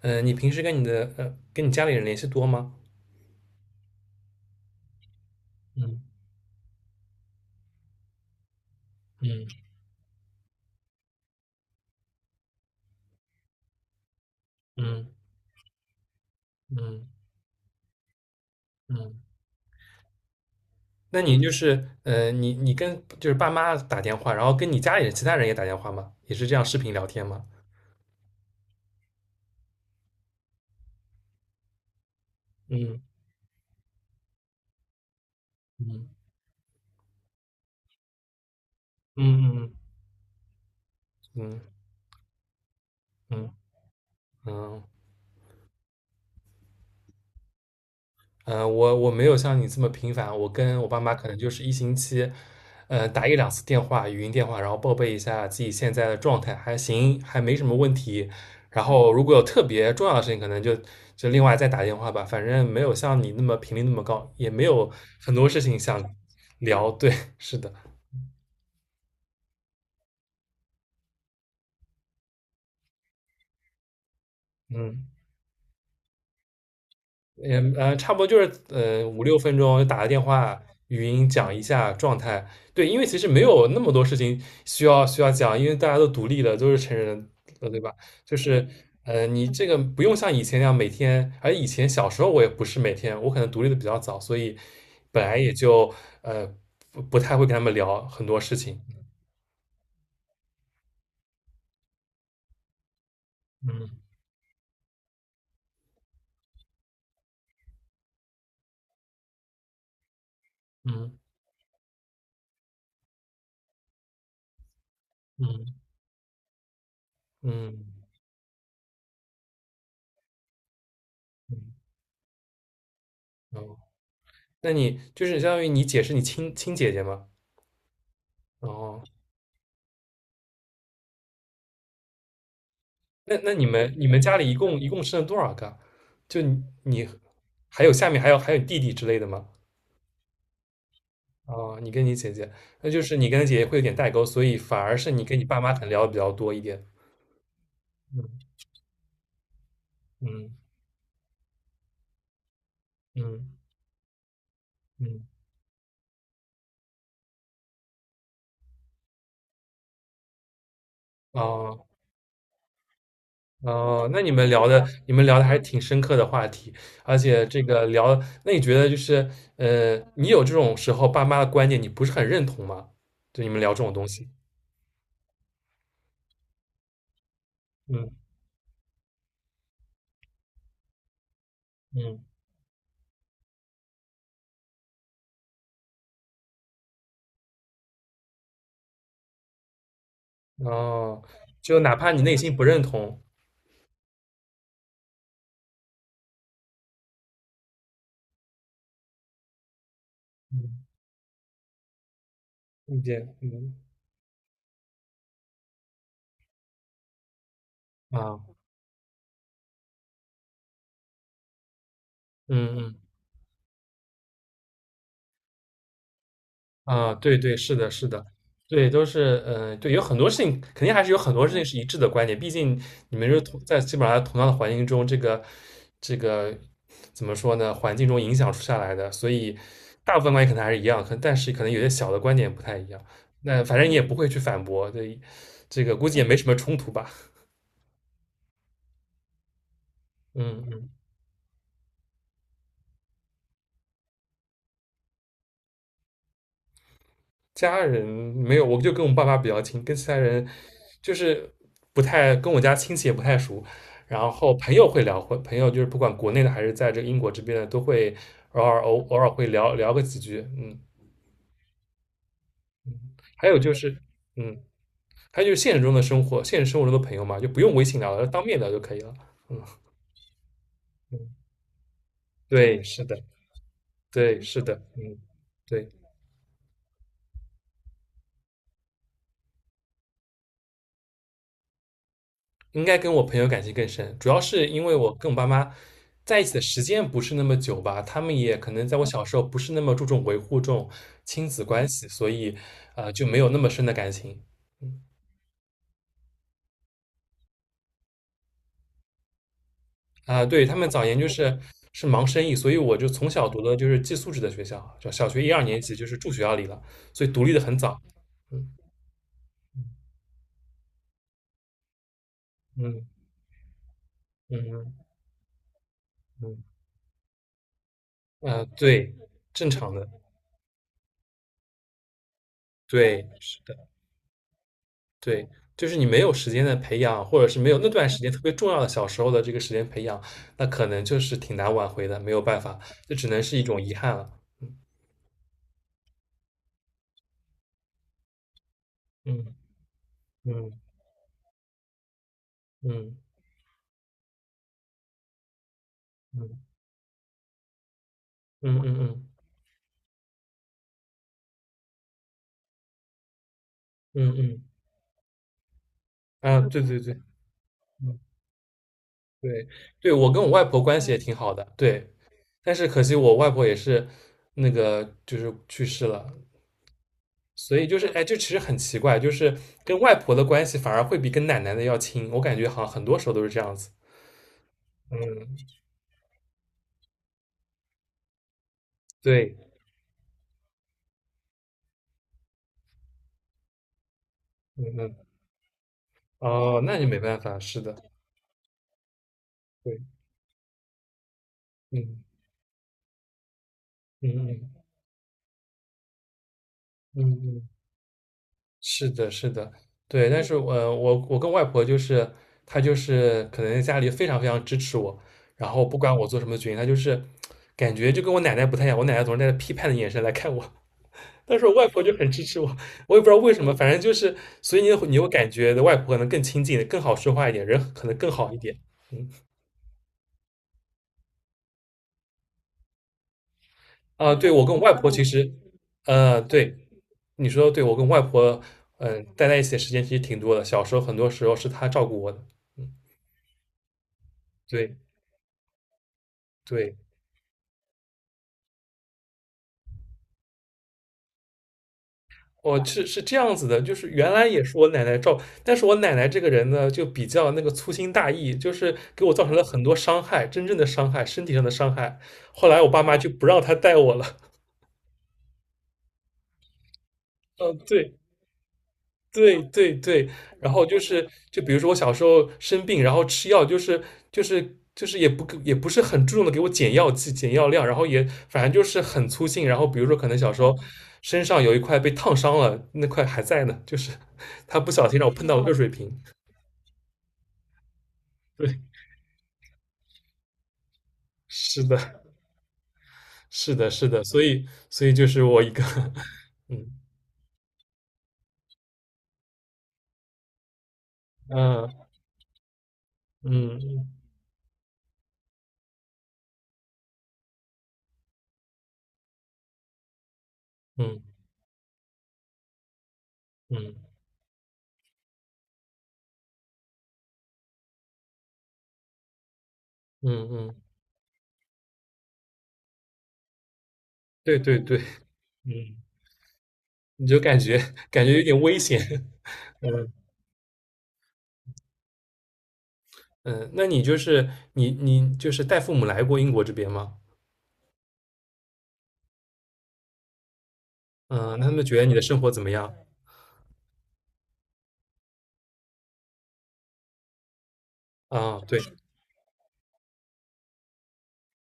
嗯，你平时跟跟你家里人联系多吗？嗯。嗯。嗯。嗯。嗯。那你你跟就是爸妈打电话，然后跟你家里人其他人也打电话吗？也是这样视频聊天吗？嗯。嗯。嗯。嗯。嗯。嗯。嗯。嗯。嗯、我没有像你这么频繁，我跟我爸妈可能就是一星期，打一两次电话，语音电话，然后报备一下自己现在的状态，还行，还没什么问题。然后如果有特别重要的事情，可能就另外再打电话吧。反正没有像你那么频率那么高，也没有很多事情想聊。对，是的，嗯。也差不多就是五六分钟打个电话，语音讲一下状态。对，因为其实没有那么多事情需要讲，因为大家都独立了，都是成人了，对吧？就是你这个不用像以前那样每天，而以前小时候我也不是每天，我可能独立的比较早，所以本来也就呃不太会跟他们聊很多事情。嗯。嗯。嗯。嗯。嗯。哦，那你就是相当于你姐是你亲姐姐吗？哦。那你们家里一共生了多少个？就你还有下面还有弟弟之类的吗？哦，你跟你姐姐。那就是你跟姐姐会有点代沟，所以反而是你跟你爸妈可能聊的比较多一点。嗯。嗯。嗯。嗯。哦哦，那你们聊的还挺深刻的话题，而且这个聊。那你觉得就是你有这种时候爸妈的观点你不是很认同吗？就你们聊这种东西。嗯。嗯。哦，就哪怕你内心不认同。嗯，意见。嗯。啊。嗯。嗯。啊。对对，是的，是的，对，都是。嗯、对，有很多事情，肯定还是有很多事情是一致的观点，毕竟你们是同在基本上同样的环境中。这个怎么说呢？环境中影响出下来的，所以大部分观点可能还是一样，可但是可能有些小的观点不太一样。那反正你也不会去反驳，对，这个估计也没什么冲突吧？嗯。嗯。家人没有，我就跟我爸妈比较亲，跟其他人就是不太。跟我家亲戚也不太熟。然后朋友会聊。会朋友就是不管国内的还是在这个英国这边的，都会偶尔会聊聊个几句。嗯。还有就是。嗯。还有就是现实中的生活，现实生活中的朋友嘛，就不用微信聊了，当面聊就可以了。嗯，对，是的，对，是的，嗯，对。应该跟我朋友感情更深，主要是因为我跟我爸妈在一起的时间不是那么久吧，他们也可能在我小时候不是那么注重维护这种亲子关系，所以就没有那么深的感情。嗯。啊，对，他们早年就是是忙生意，所以我就从小读的就是寄宿制的学校，就小学一二年级就是住学校里了，所以独立的很早。嗯。嗯。嗯。嗯。嗯。啊，对，正常的，对。是的。对，就是你没有时间的培养，或者是没有那段时间特别重要的小时候的这个时间培养，那可能就是挺难挽回的，没有办法，这只能是一种遗憾了。嗯。嗯。嗯。嗯。嗯。嗯。嗯。嗯。嗯。嗯。啊，对对对。嗯。对对，我跟我外婆关系也挺好的，对，但是可惜我外婆也是那个就是去世了，所以就是哎，就其实很奇怪，就是跟外婆的关系反而会比跟奶奶的要亲，我感觉好像很多时候都是这样子。嗯。对。嗯。嗯。哦，那你没办法，是的，对。嗯。嗯。嗯。嗯。嗯。是的，是的，对，但是我跟外婆就是，她就是可能家里非常非常支持我，然后不管我做什么决定，她就是感觉就跟我奶奶不太一样，我奶奶总是带着批判的眼神来看我。但是我外婆就很支持我，我也不知道为什么，反正就是。所以你会感觉外婆可能更亲近，更好说话一点，人可能更好一点。嗯。啊，对，我跟我外婆其实，对，你说的对，我跟外婆，嗯、待在一起的时间其实挺多的。小时候很多时候是她照顾我的。嗯。对对，我是这样子的，就是原来也是我奶奶照。但是我奶奶这个人呢，就比较那个粗心大意，就是给我造成了很多伤害，真正的伤害，身体上的伤害。后来我爸妈就不让她带我了。嗯、对。对对对。然后就是，就比如说我小时候生病，然后吃药，就是也不是很注重的给我减药剂、减药量，然后也反正就是很粗心。然后比如说可能小时候身上有一块被烫伤了，那块还在呢，就是他不小心让我碰到了热水瓶。对，是的，是的，是的。所以就是我一个。嗯。嗯。嗯。嗯。嗯。嗯。嗯。对对对。嗯。你就感觉有点危险。嗯。嗯。那你就是带父母来过英国这边吗？嗯，那他们觉得你的生活怎么样？啊，对。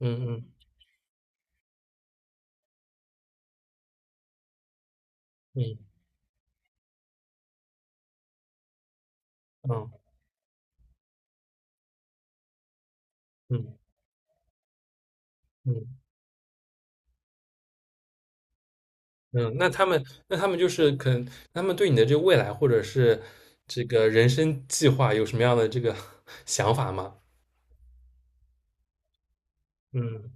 嗯。嗯。嗯。嗯。嗯。嗯。嗯。那他们就是可能他们对你的这个未来或者是这个人生计划有什么样的这个 想法吗？嗯。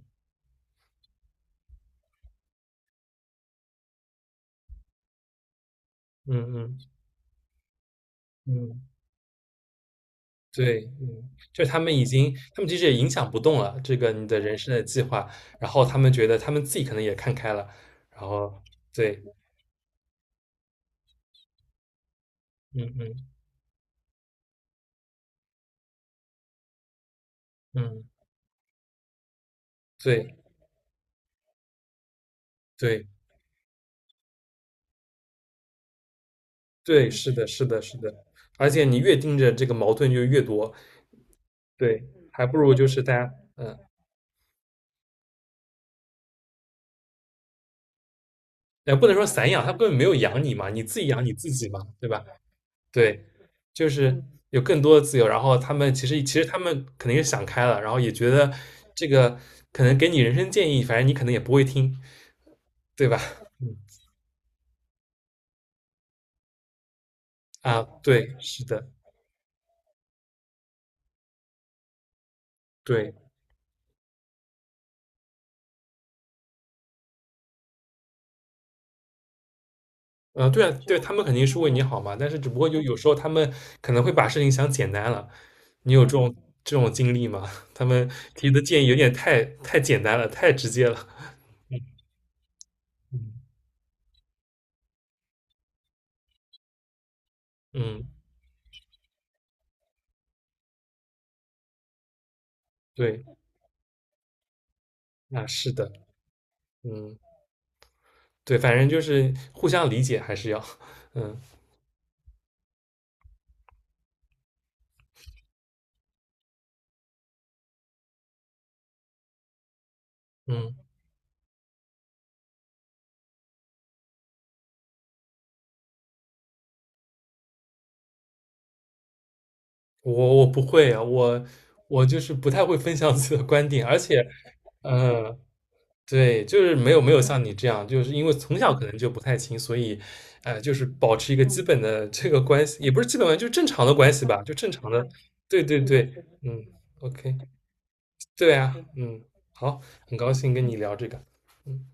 嗯。嗯。嗯。对，嗯，就是他们已经他们其实也影响不动了这个你的人生的计划，然后他们觉得他们自己可能也看开了。然后对。嗯。嗯。嗯。对对对，是的，是的，是的。而且你越盯着这个矛盾就越多。对，还不如就是大家。嗯。也不能说散养，他根本没有养你嘛，你自己养你自己嘛，对吧？对，就是有更多的自由，然后他们其实他们肯定是想开了，然后也觉得这个可能给你人生建议，反正你可能也不会听，对吧？嗯。啊，对，是的，对。嗯。对啊，对，他们肯定是为你好嘛，但是只不过就有时候他们可能会把事情想简单了。你有这种这种经历吗？他们提的建议有点太简单了，太直接了。嗯。嗯。对，那是的，嗯，对，反正就是互相理解还是要。嗯。嗯。我不会啊。我就是不太会分享自己的观点，而且，呃对，就是没有像你这样，就是因为从小可能就不太亲，所以，就是保持一个基本的这个关系，也不是基本关系，就正常的关系吧，就正常的。对对对，嗯，OK，对啊，嗯，好。很高兴跟你聊这个。嗯。